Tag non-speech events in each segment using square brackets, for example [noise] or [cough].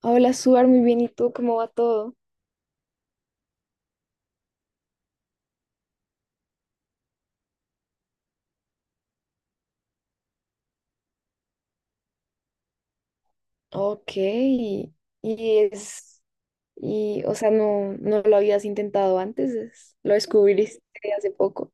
Hola, Suar, muy bien. ¿Y tú cómo va todo? Ok, y es, y, o sea, no lo habías intentado antes, lo descubriste hace poco.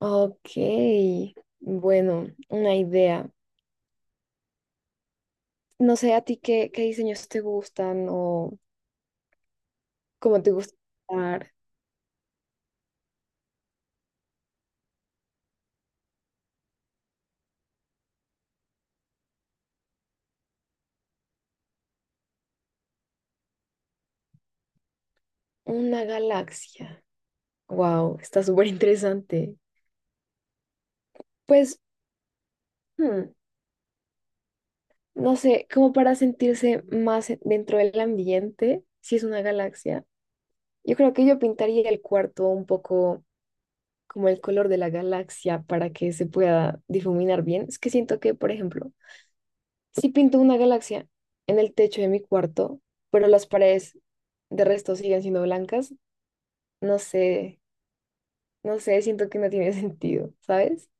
Ok, bueno, una idea. No sé a ti qué diseños te gustan o cómo te gusta diseñar una galaxia. Wow, está súper interesante. Pues, hmm, no sé, como para sentirse más dentro del ambiente, si es una galaxia. Yo creo que yo pintaría el cuarto un poco como el color de la galaxia para que se pueda difuminar bien. Es que siento que, por ejemplo, si pinto una galaxia en el techo de mi cuarto, pero las paredes de resto siguen siendo blancas, no sé, siento que no tiene [laughs] sentido, ¿sabes?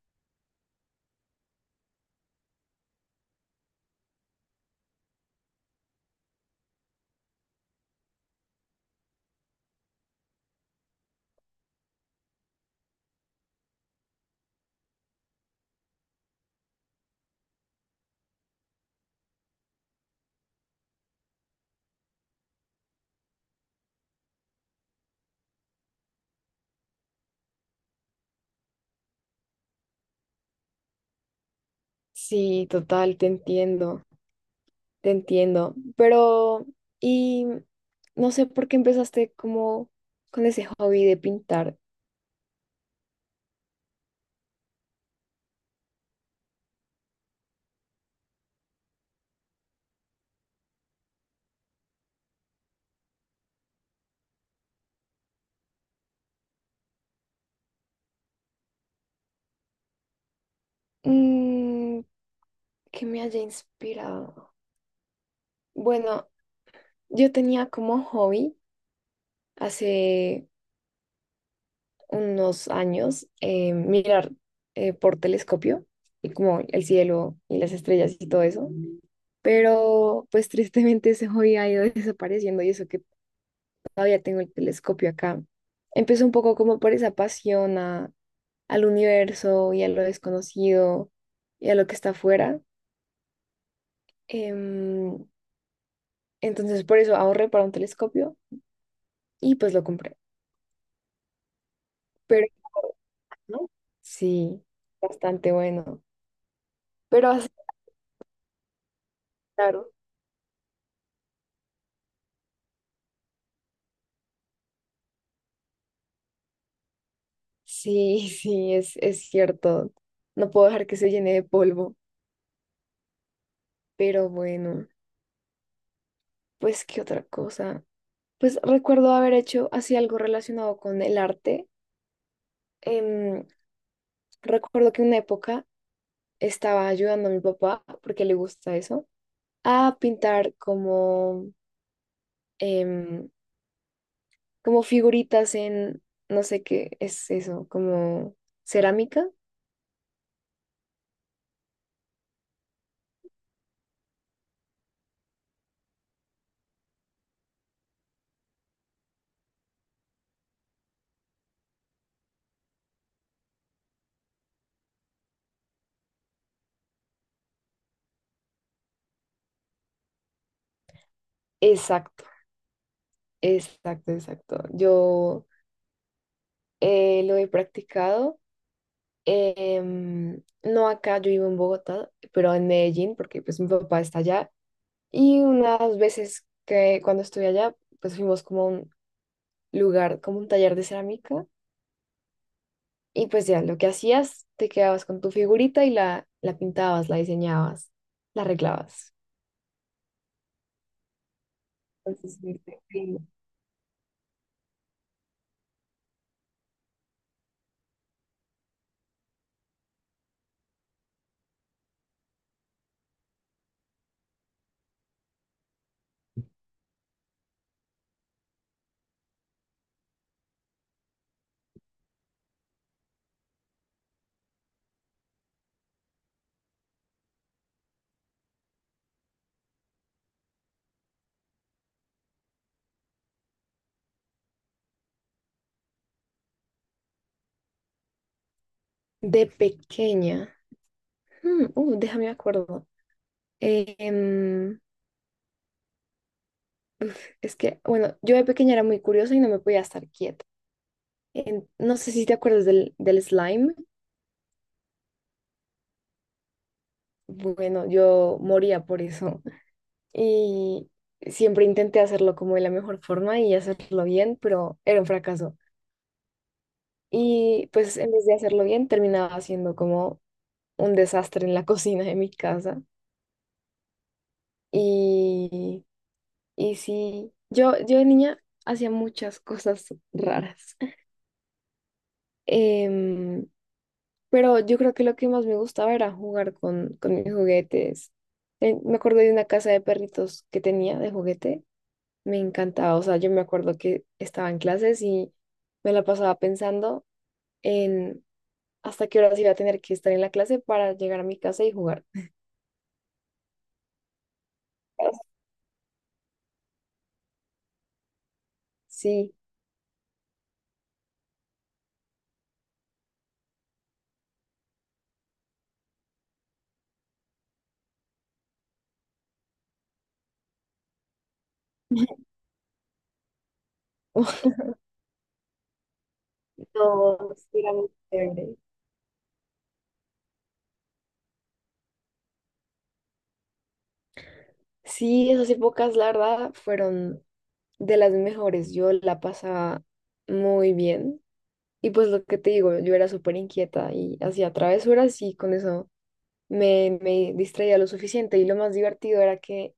Sí, total, te entiendo, te entiendo. Pero, y no sé por qué empezaste como con ese hobby de pintar. Mm, que me haya inspirado. Bueno, yo tenía como hobby hace unos años mirar por telescopio y como el cielo y las estrellas y todo eso, pero pues tristemente ese hobby ha ido [laughs] desapareciendo y eso que todavía tengo el telescopio acá. Empezó un poco como por esa pasión al universo y a lo desconocido y a lo que está afuera. Em, entonces por eso ahorré para un telescopio y pues lo compré. Pero ¿no? Sí, bastante bueno. Pero así, claro. Sí, [laughs] sí, es cierto. No puedo dejar que se llene de polvo. Pero bueno, pues qué otra cosa. Pues recuerdo haber hecho así algo relacionado con el arte. Em, Recuerdo que en una época estaba ayudando a mi papá, porque le gusta eso, a pintar como, em, como figuritas en, no sé qué es eso, como cerámica. Exacto. Exacto, exacto. Yo lo he practicado. No acá, yo vivo en Bogotá, pero en Medellín, porque pues mi papá está allá. Y unas veces que cuando estuve allá, pues fuimos como a un lugar, como un taller de cerámica. Y pues ya, lo que hacías, te quedabas con tu figurita y la pintabas, la diseñabas, la arreglabas. Entonces, de pequeña. De pequeña, déjame me acuerdo. em, Es que, bueno, yo de pequeña era muy curiosa y no me podía estar quieta. No sé si te acuerdas del slime. Bueno, yo moría por eso. Y siempre intenté hacerlo como de la mejor forma y hacerlo bien, pero era un fracaso. Y pues en vez de hacerlo bien, terminaba haciendo como un desastre en la [laughs] cocina de mi casa. Y, y sí, yo de niña hacía muchas cosas raras. Em, Pero yo creo que lo que más me gustaba era jugar con mis juguetes. Me acuerdo de una casa de perritos que tenía de juguete. Me encantaba. O sea, yo me acuerdo que estaba en clases y me la pasaba pensando en hasta qué horas iba a tener que estar en la clase para llegar a mi casa y jugar. Sí. [laughs] No, sí, era muy chévere. Sí, esas épocas, la verdad, fueron de las mejores. Yo la pasaba muy bien. Y pues lo que te digo, yo era súper inquieta y hacía travesuras y con eso me distraía lo suficiente. Y lo más divertido era que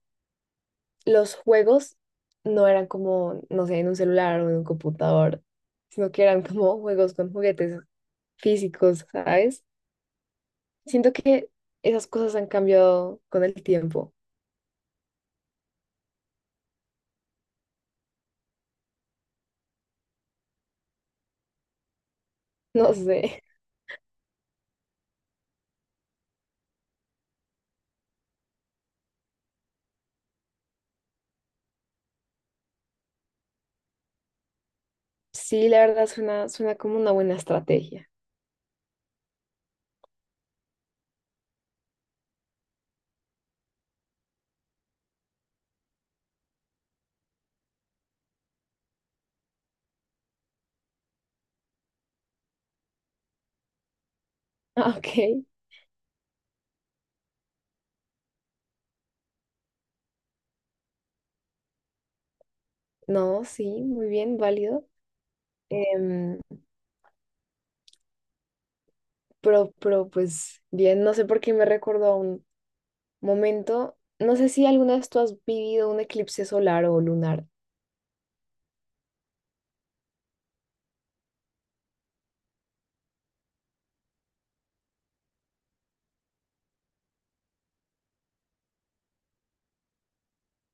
los juegos no eran como, no sé, en un celular o en un computador, sino que eran como juegos con juguetes físicos, ¿sabes? Siento que esas cosas han cambiado con el tiempo. [laughs] No sé. Sí, la verdad suena, suena como una buena estrategia. [laughs] Ah, ok. No, sí, muy bien, válido. Em, pero, pues bien, no sé por qué me recordó a un momento. No sé si alguna vez tú has vivido un eclipse solar o lunar.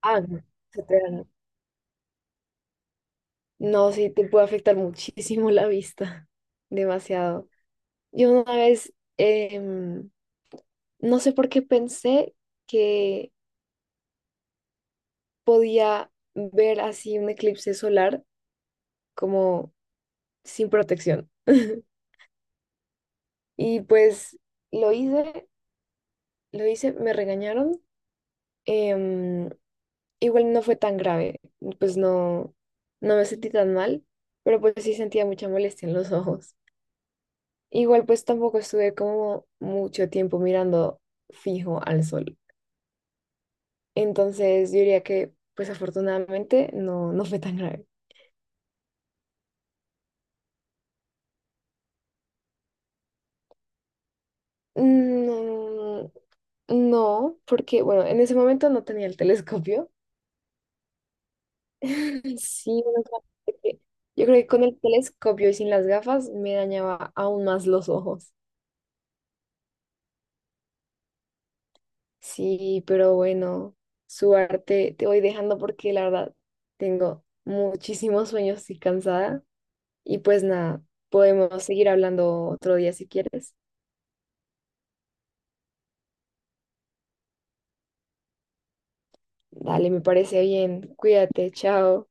Ah, no, se te da- no, sí, te puede afectar muchísimo la vista. [laughs] Demasiado. Yo una vez, no sé por qué pensé que podía ver así un eclipse solar como sin protección. [laughs] Y pues lo hice, lo hice, me regañaron. em, Igual no fue tan grave, pues no, no me sentí tan mal, pero pues sí sentía mucha molestia en los ojos. Igual pues tampoco estuve como mucho tiempo mirando fijo al sol. Entonces yo diría que pues afortunadamente no, no fue tan grave. No, no, porque bueno, en ese momento no tenía el telescopio. [laughs] Sí, menos mal que- yo creo que con el telescopio y sin las gafas me dañaba aún más los ojos. Sí, pero bueno, su arte te voy dejando porque la verdad tengo muchísimos sueños y cansada. Y pues nada, podemos seguir hablando otro día si quieres. Dale, me parece bien. Cuídate, chao.